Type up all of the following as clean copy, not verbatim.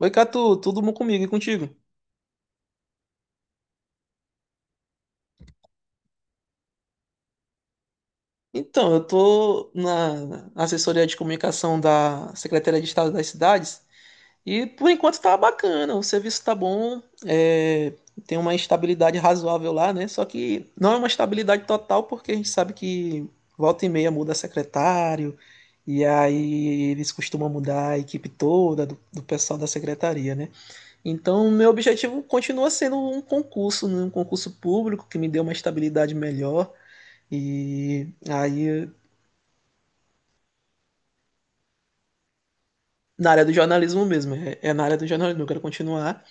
Oi, Catu, tudo bom comigo e contigo? Então, eu tô na assessoria de comunicação da Secretaria de Estado das Cidades e por enquanto tá bacana, o serviço tá bom, tem uma estabilidade razoável lá, né? Só que não é uma estabilidade total porque a gente sabe que volta e meia muda secretário e aí eles costumam mudar a equipe toda do pessoal da secretaria, né? Então, meu objetivo continua sendo um concurso, né? Um concurso público que me dê uma estabilidade melhor. E aí, na área do jornalismo mesmo, é na área do jornalismo, eu quero continuar.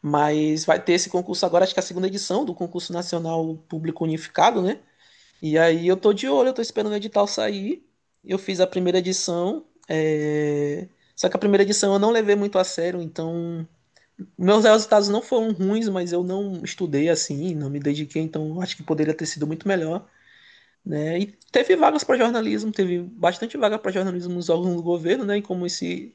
Mas vai ter esse concurso agora, acho que é a segunda edição do concurso nacional público unificado, né? E aí eu tô de olho, eu tô esperando o edital sair. Eu fiz a primeira edição, só que a primeira edição eu não levei muito a sério, então meus resultados não foram ruins, mas eu não estudei assim, não me dediquei, então acho que poderia ter sido muito melhor, né? E teve vagas para jornalismo, teve bastante vaga para jornalismo nos órgãos do governo, né? E como esse.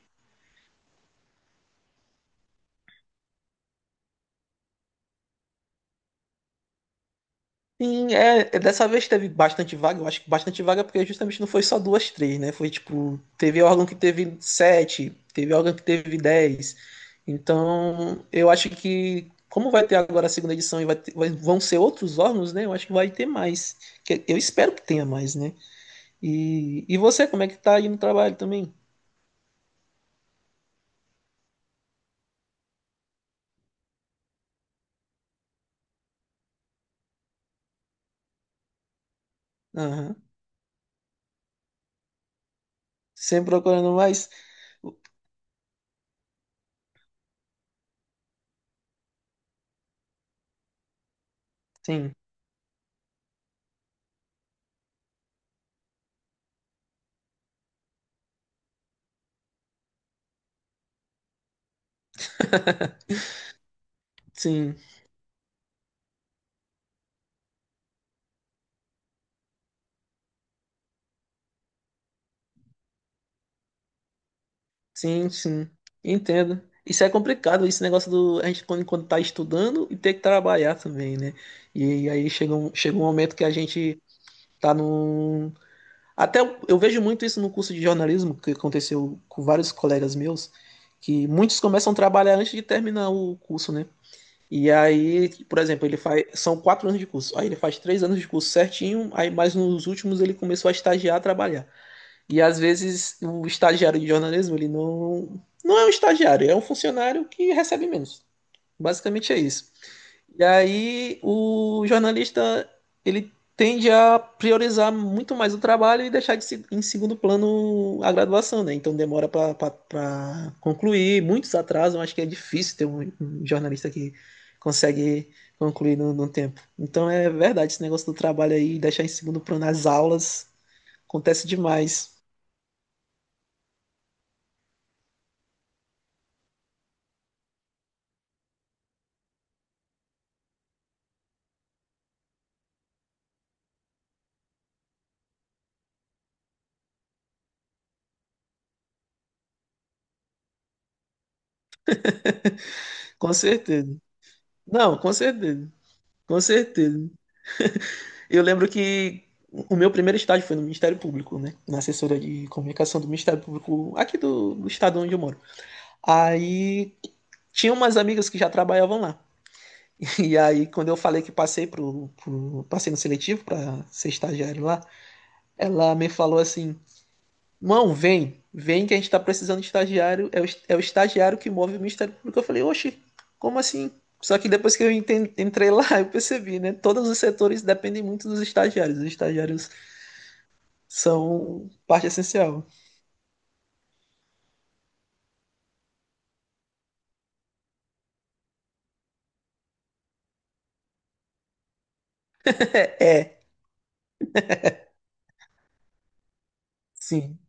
Sim, dessa vez teve bastante vaga, eu acho que bastante vaga, porque justamente não foi só duas, três, né? Foi tipo, teve órgão que teve sete, teve órgão que teve dez. Então, eu acho que, como vai ter agora a segunda edição e vão ser outros órgãos, né? Eu acho que vai ter mais. Eu espero que tenha mais, né? E você, como é que tá aí no trabalho também? Aham. Sempre procurando mais? Sim, sim. Sim, sim, entendo. Isso é complicado, esse negócio do a gente quando, quando tá estudando e ter que trabalhar também, né? E aí chega um momento que a gente tá num. Até eu vejo muito isso no curso de jornalismo, que aconteceu com vários colegas meus, que muitos começam a trabalhar antes de terminar o curso, né? E aí, por exemplo, ele faz. São quatro anos de curso. Aí ele faz três anos de curso certinho, aí mais nos últimos ele começou a estagiar, a trabalhar. E às vezes o estagiário de jornalismo, ele não é um estagiário, é um funcionário que recebe menos. Basicamente é isso. E aí o jornalista, ele tende a priorizar muito mais o trabalho e deixar de se- em segundo plano a graduação, né? Então demora para concluir, muitos atrasam, acho que é difícil ter um jornalista que consegue concluir no tempo. Então é verdade, esse negócio do trabalho aí, deixar em segundo plano as aulas, acontece demais. Com certeza. Não, com certeza. Com certeza. Eu lembro que o meu primeiro estágio foi no Ministério Público, né? Na assessora de comunicação do Ministério Público, aqui do estado onde eu moro. Aí tinha umas amigas que já trabalhavam lá. E aí, quando eu falei que passei no seletivo para ser estagiário lá, ela me falou assim: Mão, vem que a gente tá precisando de estagiário. É o estagiário que move o Ministério Público. Eu falei, oxe, como assim? Só que depois que eu entrei lá, eu percebi, né? Todos os setores dependem muito dos estagiários. Os estagiários são parte essencial. É, sim,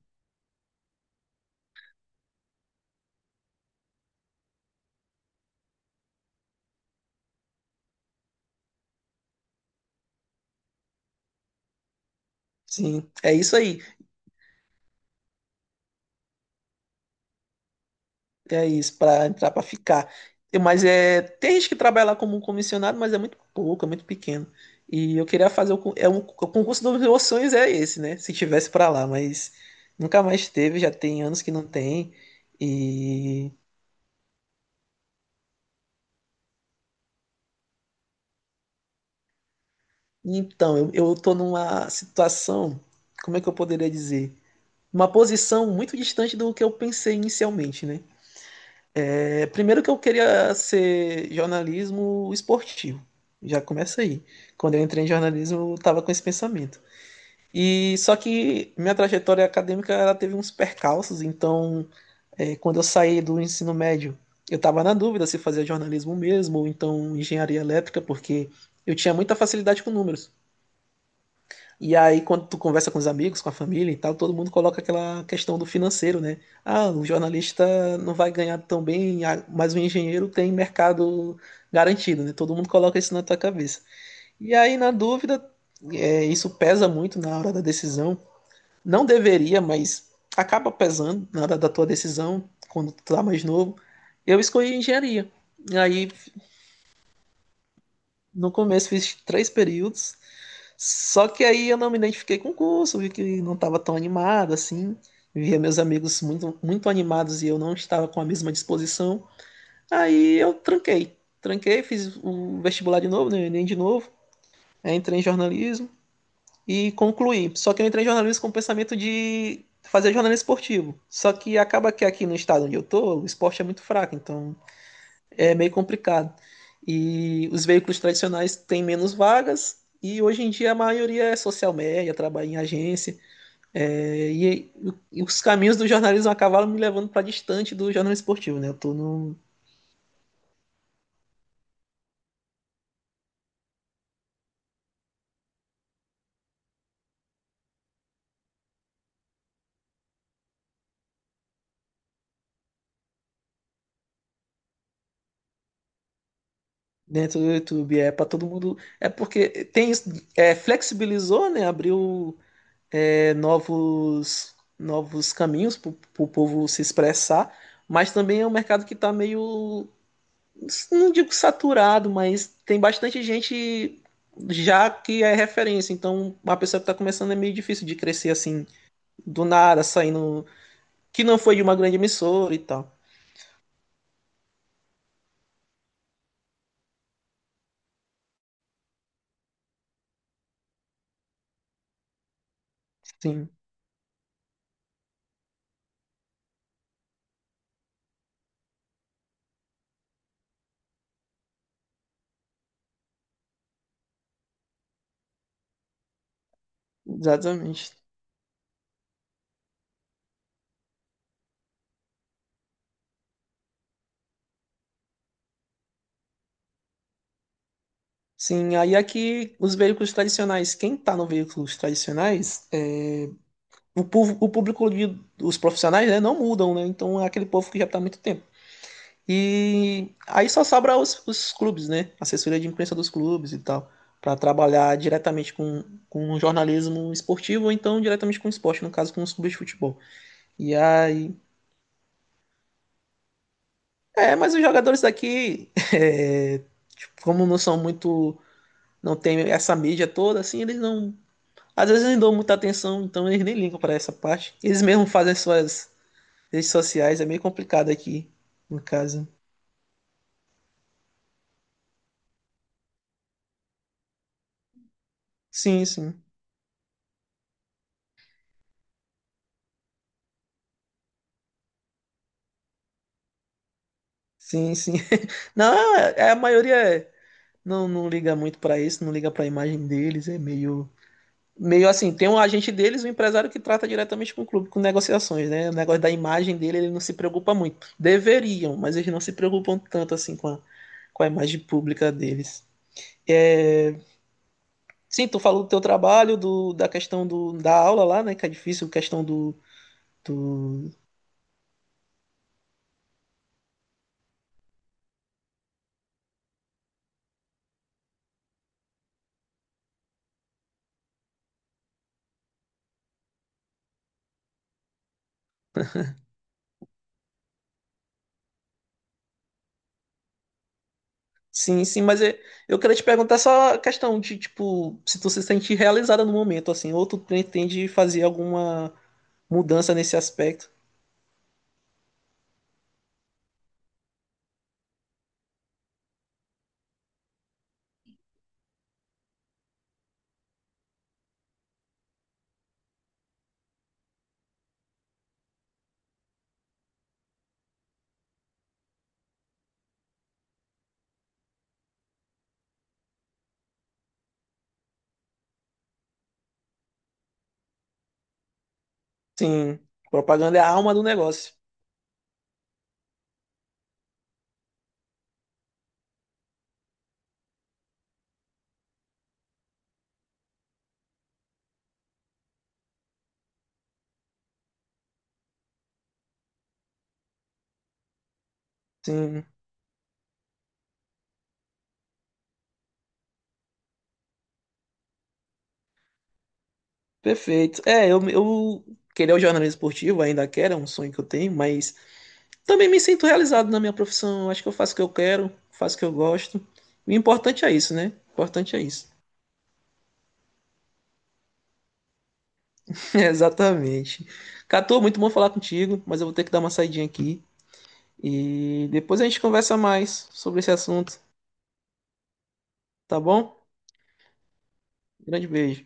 sim. É isso aí. É isso, para entrar, para ficar. E- Mas é, tem gente que trabalha lá como um comissionado, mas é muito pouco, é muito pequeno. E eu queria fazer o concurso dos meus sonhos é esse, né? Se tivesse para lá, mas nunca mais teve, já tem anos que não tem. E então, eu tô numa situação, como é que eu poderia dizer? Uma posição muito distante do que eu pensei inicialmente, né? É, primeiro que eu queria ser jornalismo esportivo. Já começa aí. Quando eu entrei em jornalismo, eu estava com esse pensamento. E só que minha trajetória acadêmica ela teve uns percalços, então quando eu saí do ensino médio, eu estava na dúvida se fazia jornalismo mesmo ou então engenharia elétrica, porque eu tinha muita facilidade com números. E aí, quando tu conversa com os amigos, com a família e tal, todo mundo coloca aquela questão do financeiro, né? Ah, o jornalista não vai ganhar tão bem, ah, mas o engenheiro tem mercado garantido, né? Todo mundo coloca isso na tua cabeça. E aí, na dúvida, isso pesa muito na hora da decisão. Não deveria, mas acaba pesando na hora da tua decisão, quando tu tá mais novo. Eu escolhi engenharia. E aí no começo fiz três períodos, só que aí eu não me identifiquei com o curso, vi que não estava tão animado assim, via meus amigos muito animados e eu não estava com a mesma disposição. Tranquei, fiz o vestibular de novo, né, o Enem de novo, aí entrei em jornalismo e concluí. Só que eu entrei em jornalismo com o pensamento de fazer jornalismo esportivo. Só que acaba que aqui no estado onde eu tô, o esporte é muito fraco, então é meio complicado. E os veículos tradicionais têm menos vagas, e hoje em dia a maioria é social media, trabalha em agência, é, e, e os caminhos do jornalismo acabaram me levando para distante do jornalismo esportivo, né? Eu tô no, dentro do YouTube, é para todo mundo, é porque tem isso, flexibilizou, né? Abriu novos novos caminhos para o povo se expressar, mas também é um mercado que está meio não digo saturado, mas tem bastante gente já que é referência. Então, uma pessoa que está começando é meio difícil de crescer assim, do nada, saindo. Que não foi de uma grande emissora e tal. Sim, exatamente. Sim, aí aqui os veículos tradicionais, quem está no veículos tradicionais, o, o público, os profissionais, né, não mudam, né? Então é aquele povo que já está há muito tempo. E aí só sobra os clubes, né? Assessoria de imprensa dos clubes e tal, para trabalhar diretamente com jornalismo esportivo ou então diretamente com esporte, no caso com os clubes de futebol. E aí. É, mas os jogadores daqui, tipo, como não são muito. Não tem essa mídia toda, assim, eles não. Às vezes não dão muita atenção, então eles nem ligam para essa parte. Eles mesmo fazem suas redes sociais, é meio complicado aqui, no caso. Sim, sim. Sim, sim. Não, é, é, a maioria é. Não não liga muito pra isso, não liga pra imagem deles, é meio. Meio assim, tem um agente deles, um empresário que trata diretamente com o clube, com negociações, né? O negócio da imagem dele, ele não se preocupa muito. Deveriam, mas eles não se preocupam tanto assim com a imagem pública deles. Sim, tu falou do teu trabalho, da questão da aula lá, né? Que é difícil, questão do, do... Sim, sim, mas eu queria te perguntar só a questão de, tipo, se tu se sente realizada no momento, assim, ou tu pretende fazer alguma mudança nesse aspecto. Sim, propaganda é a alma do negócio. Sim, perfeito. Eu queria o jornalismo esportivo, ainda quero, é um sonho que eu tenho, mas também me sinto realizado na minha profissão. Eu Acho que eu faço o que eu quero, faço o que eu gosto. E o importante é isso, né? O importante é isso. Exatamente. Catu, muito bom falar contigo, mas eu vou ter que dar uma saidinha aqui. E depois a gente conversa mais sobre esse assunto, tá bom? Grande beijo.